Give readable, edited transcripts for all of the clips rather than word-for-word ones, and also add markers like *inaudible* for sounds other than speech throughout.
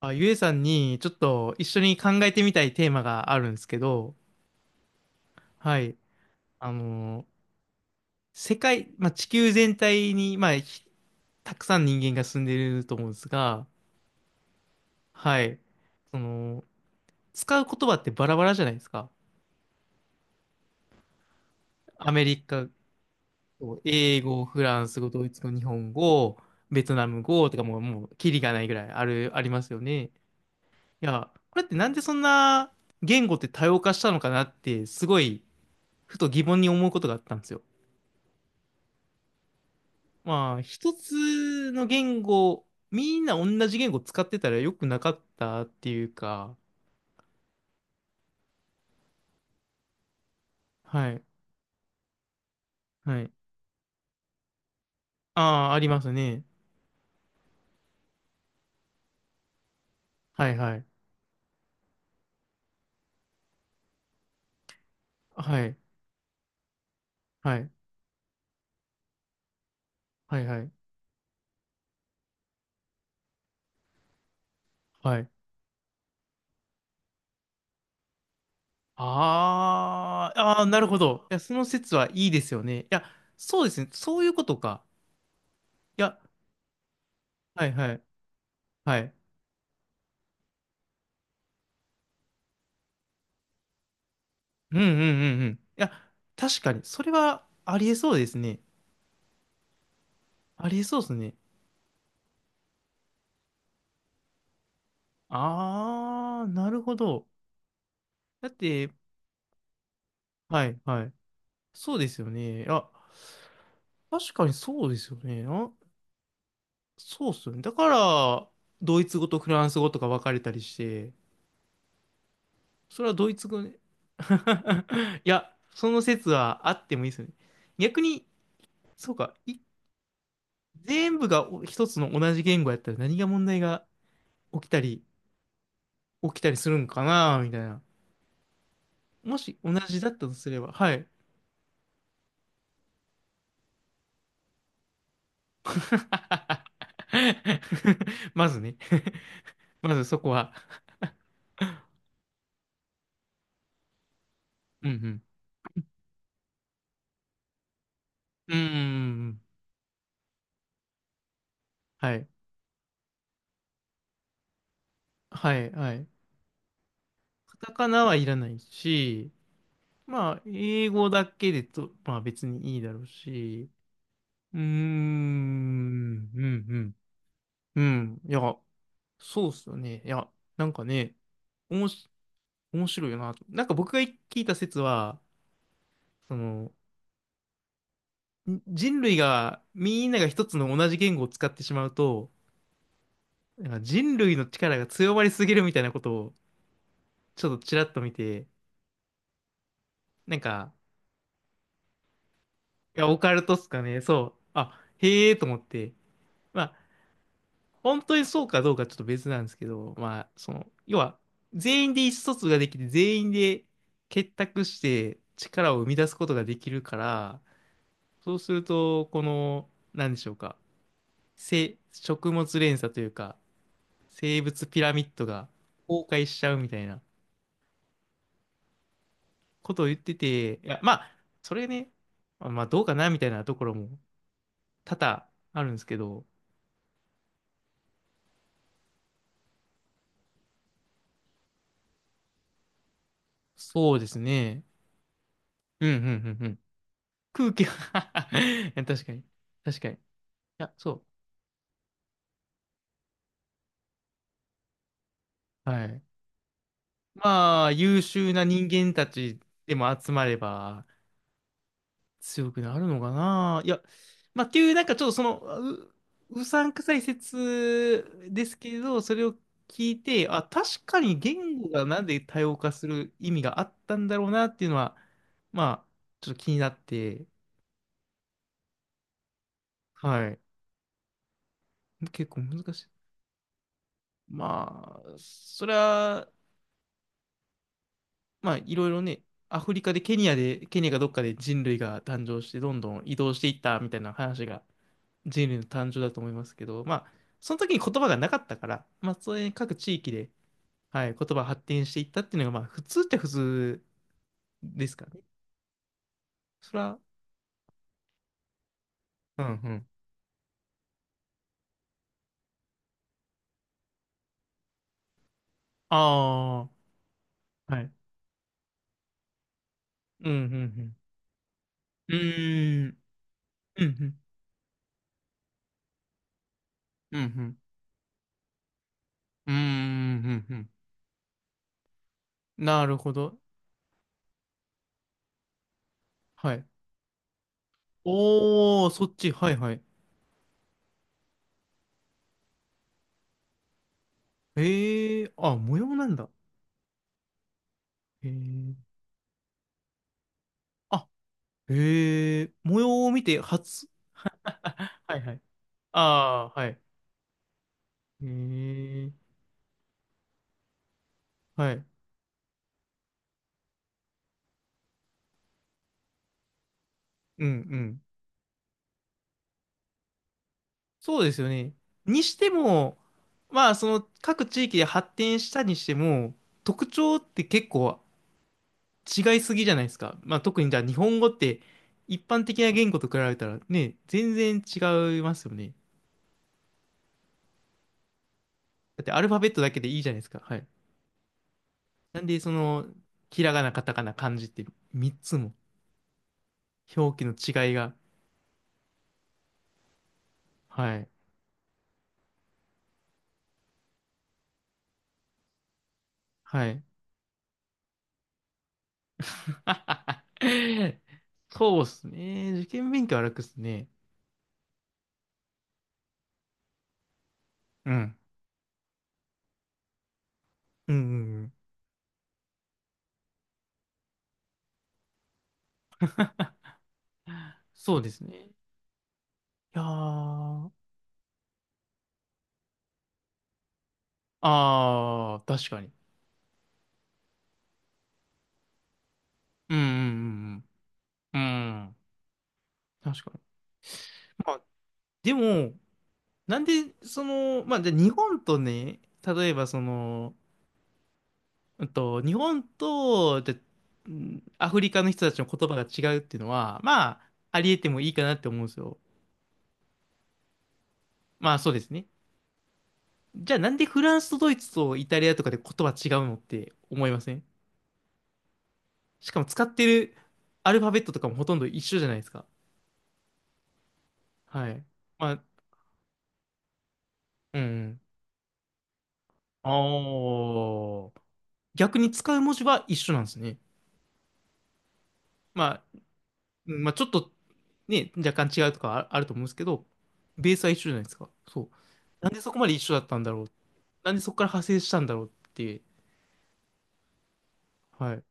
あ、ゆえさんにちょっと一緒に考えてみたいテーマがあるんですけど、はい。あの世界、まあ、地球全体に、まあ、ひたくさん人間が住んでると思うんですが、はい。その、使う言葉ってバラバラじゃないですか。アメリカ語、英語、フランス語、ドイツ語、日本語、ベトナム語とかもう、キリがないぐらいありますよね。いや、これってなんでそんな言語って多様化したのかなって、すごい、ふと疑問に思うことがあったんですよ。まあ、一つの言語、みんな同じ言語使ってたら良くなかったっていうか、はい、はい。ああ、ありますね。はいはい。はい、はい、はい、はい、はい。ああ、ああ、なるほど。いや、その説はいいですよね。いや、そうですね。そういうことか。いや、はいはい、はい。うんうんうんうん。いや、確かに、それはありえそうですね。ありえそうですね。ああ、なるほど。だって、はいはい。そうですよね。あ、確かにそうですよね。あ、そうっすよね。だから、ドイツ語とフランス語とか分かれたりして、それはドイツ語ね。*laughs* いや、その説はあってもいいですよね。逆に、そうか、い全部がお一つの同じ言語やったら何が問題が起きたり、起きたりするんかな、みたいな。もし同じだったとすれば、はい。*laughs* まずね。*laughs* まずそこは。うんうん。うんうんうんうん。はい。はいはい。カタカナはいらないし、まあ、英語だけでと、まあ別にいいだろうし、うーん、うん、うん、うん。いや、そうっすよね。いや、なんかね、おもし、面白いよなと。なんか僕が聞いた説は、その、ん人類が、みんなが一つの同じ言語を使ってしまうと、なんか人類の力が強まりすぎるみたいなことを、ちょっとちらっと見て、なんか、いや、オカルトっすかね、そう。あ、へえと思って。まあ、本当にそうかどうかちょっと別なんですけど、まあ、その、要は、全員で意思疎通ができて、全員で結託して力を生み出すことができるから、そうすると、この、なんでしょうか、食物連鎖というか、生物ピラミッドが崩壊しちゃうみたいなことを言ってて、いや、まあ、それね、まあ、どうかなみたいなところも多々あるんですけど、そうですね。うん、うん、うん、空気は *laughs* 確かに。確かに。いや、そう。はい。まあ、優秀な人間たちでも集まれば強くなるのかな。いや、まあ、っていう、なんかちょっとその、う、うさんくさい説ですけど、それを聞いて、あ、確かに言語がなんで多様化する意味があったんだろうなっていうのは、まあ、ちょっと気になって、はい。結構難しい。まあ、それは、まあ、いろいろね、アフリカでケニアで、ケニアがどっかで人類が誕生して、どんどん移動していったみたいな話が人類の誕生だと思いますけど、まあ、その時に言葉がなかったから、まあ、それ各地域で、はい、言葉が発展していったっていうのが、まあ、普通ですからね。それは、うんうん。ああ、はい。うん、うん、うん。うーん、うん、うん、うん、うん。うーん、うん、うん。なるほど。はい。おー、そっち、はい、はい。ええー、あ、模様なんだ。へえ。あ、へえ。模様を見て初。はいはい。ああ、はい。へえ。はい。うんうん。そうですよね。にしても、まあ、その各地域で発展したにしても、特徴って結構違いすぎじゃないですか。まあ、特にじゃあ日本語って一般的な言語と比べたらね、全然違いますよね。だってアルファベットだけでいいじゃないですか。はい。なんで、その、ひらがな、カタカナ、漢字って3つも表記の違いが、はい。はい。*laughs* そうっすね。受験勉強は楽っすね。うん。うんうんうん。そうですね。いやー。あー、確かに。うんうんうんうん。うん。確かに。まあ、でも、なんで、その、まあ、じゃあ日本とね、例えばその、うんと、日本と、じゃあうんアフリカの人たちの言葉が違うっていうのは、まあ、ありえてもいいかなって思うんですよ。まあ、そうですね。じゃあなんでフランスとドイツとイタリアとかで言葉違うのって思いませんしかも使ってるアルファベットとかもほとんど一緒じゃないですか。はい。まあ、うん。ああ。逆に使う文字は一緒なんですね。まあ、うんまあちょっとね、若干違うとかああると思うんですけど、ベースは一緒じゃないですか。そう。なんでそこまで一緒だったんだろう。なんでそこから派生したんだろうっていう。はい。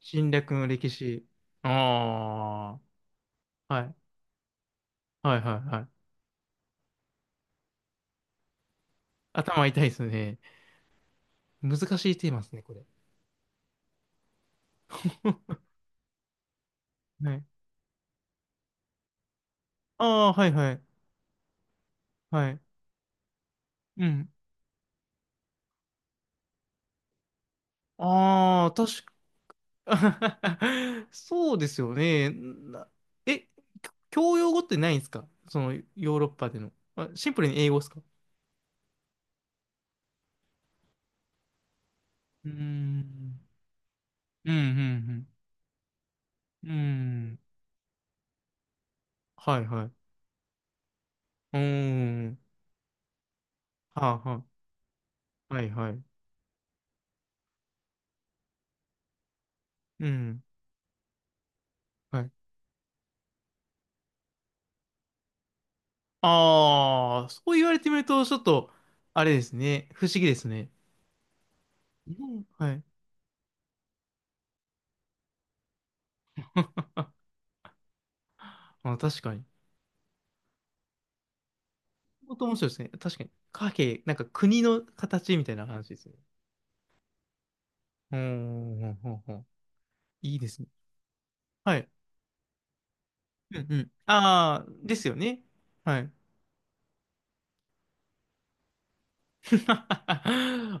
侵略の歴史。ああ。はい。はいはいはい。頭痛いですね。難しいテーマですね、これ。*laughs* はい。ああ、はいはい。はい。うん。ああ、確か、*laughs* そうですよね。なえ、教養語ってないんですかそのヨーロッパでの。あ、シンプルに英語ですかうーん。うん、うん、うん。うーん。はいはい。うーん。はあ、はあ。はいはい。うん。はい。ああ、そう言われてみると、ちょっと、あれですね。不思議ですね。うんはい。*laughs* あ、確かに。本当面白いですね。確かに。貨幣、なんか国の形みたいな話ですね。うーん、うんうんうんいいですね。はい。うんうん。ああ、ですよね。はい。*laughs*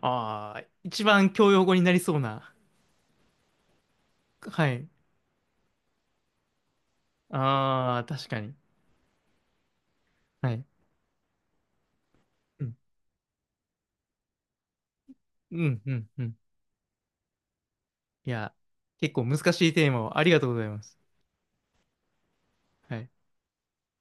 ああ、一番教養語になりそうな。はい。ああ、確かに。はい。うん、うん、うん、うん。いや、結構難しいテーマをありがとうございます。はい。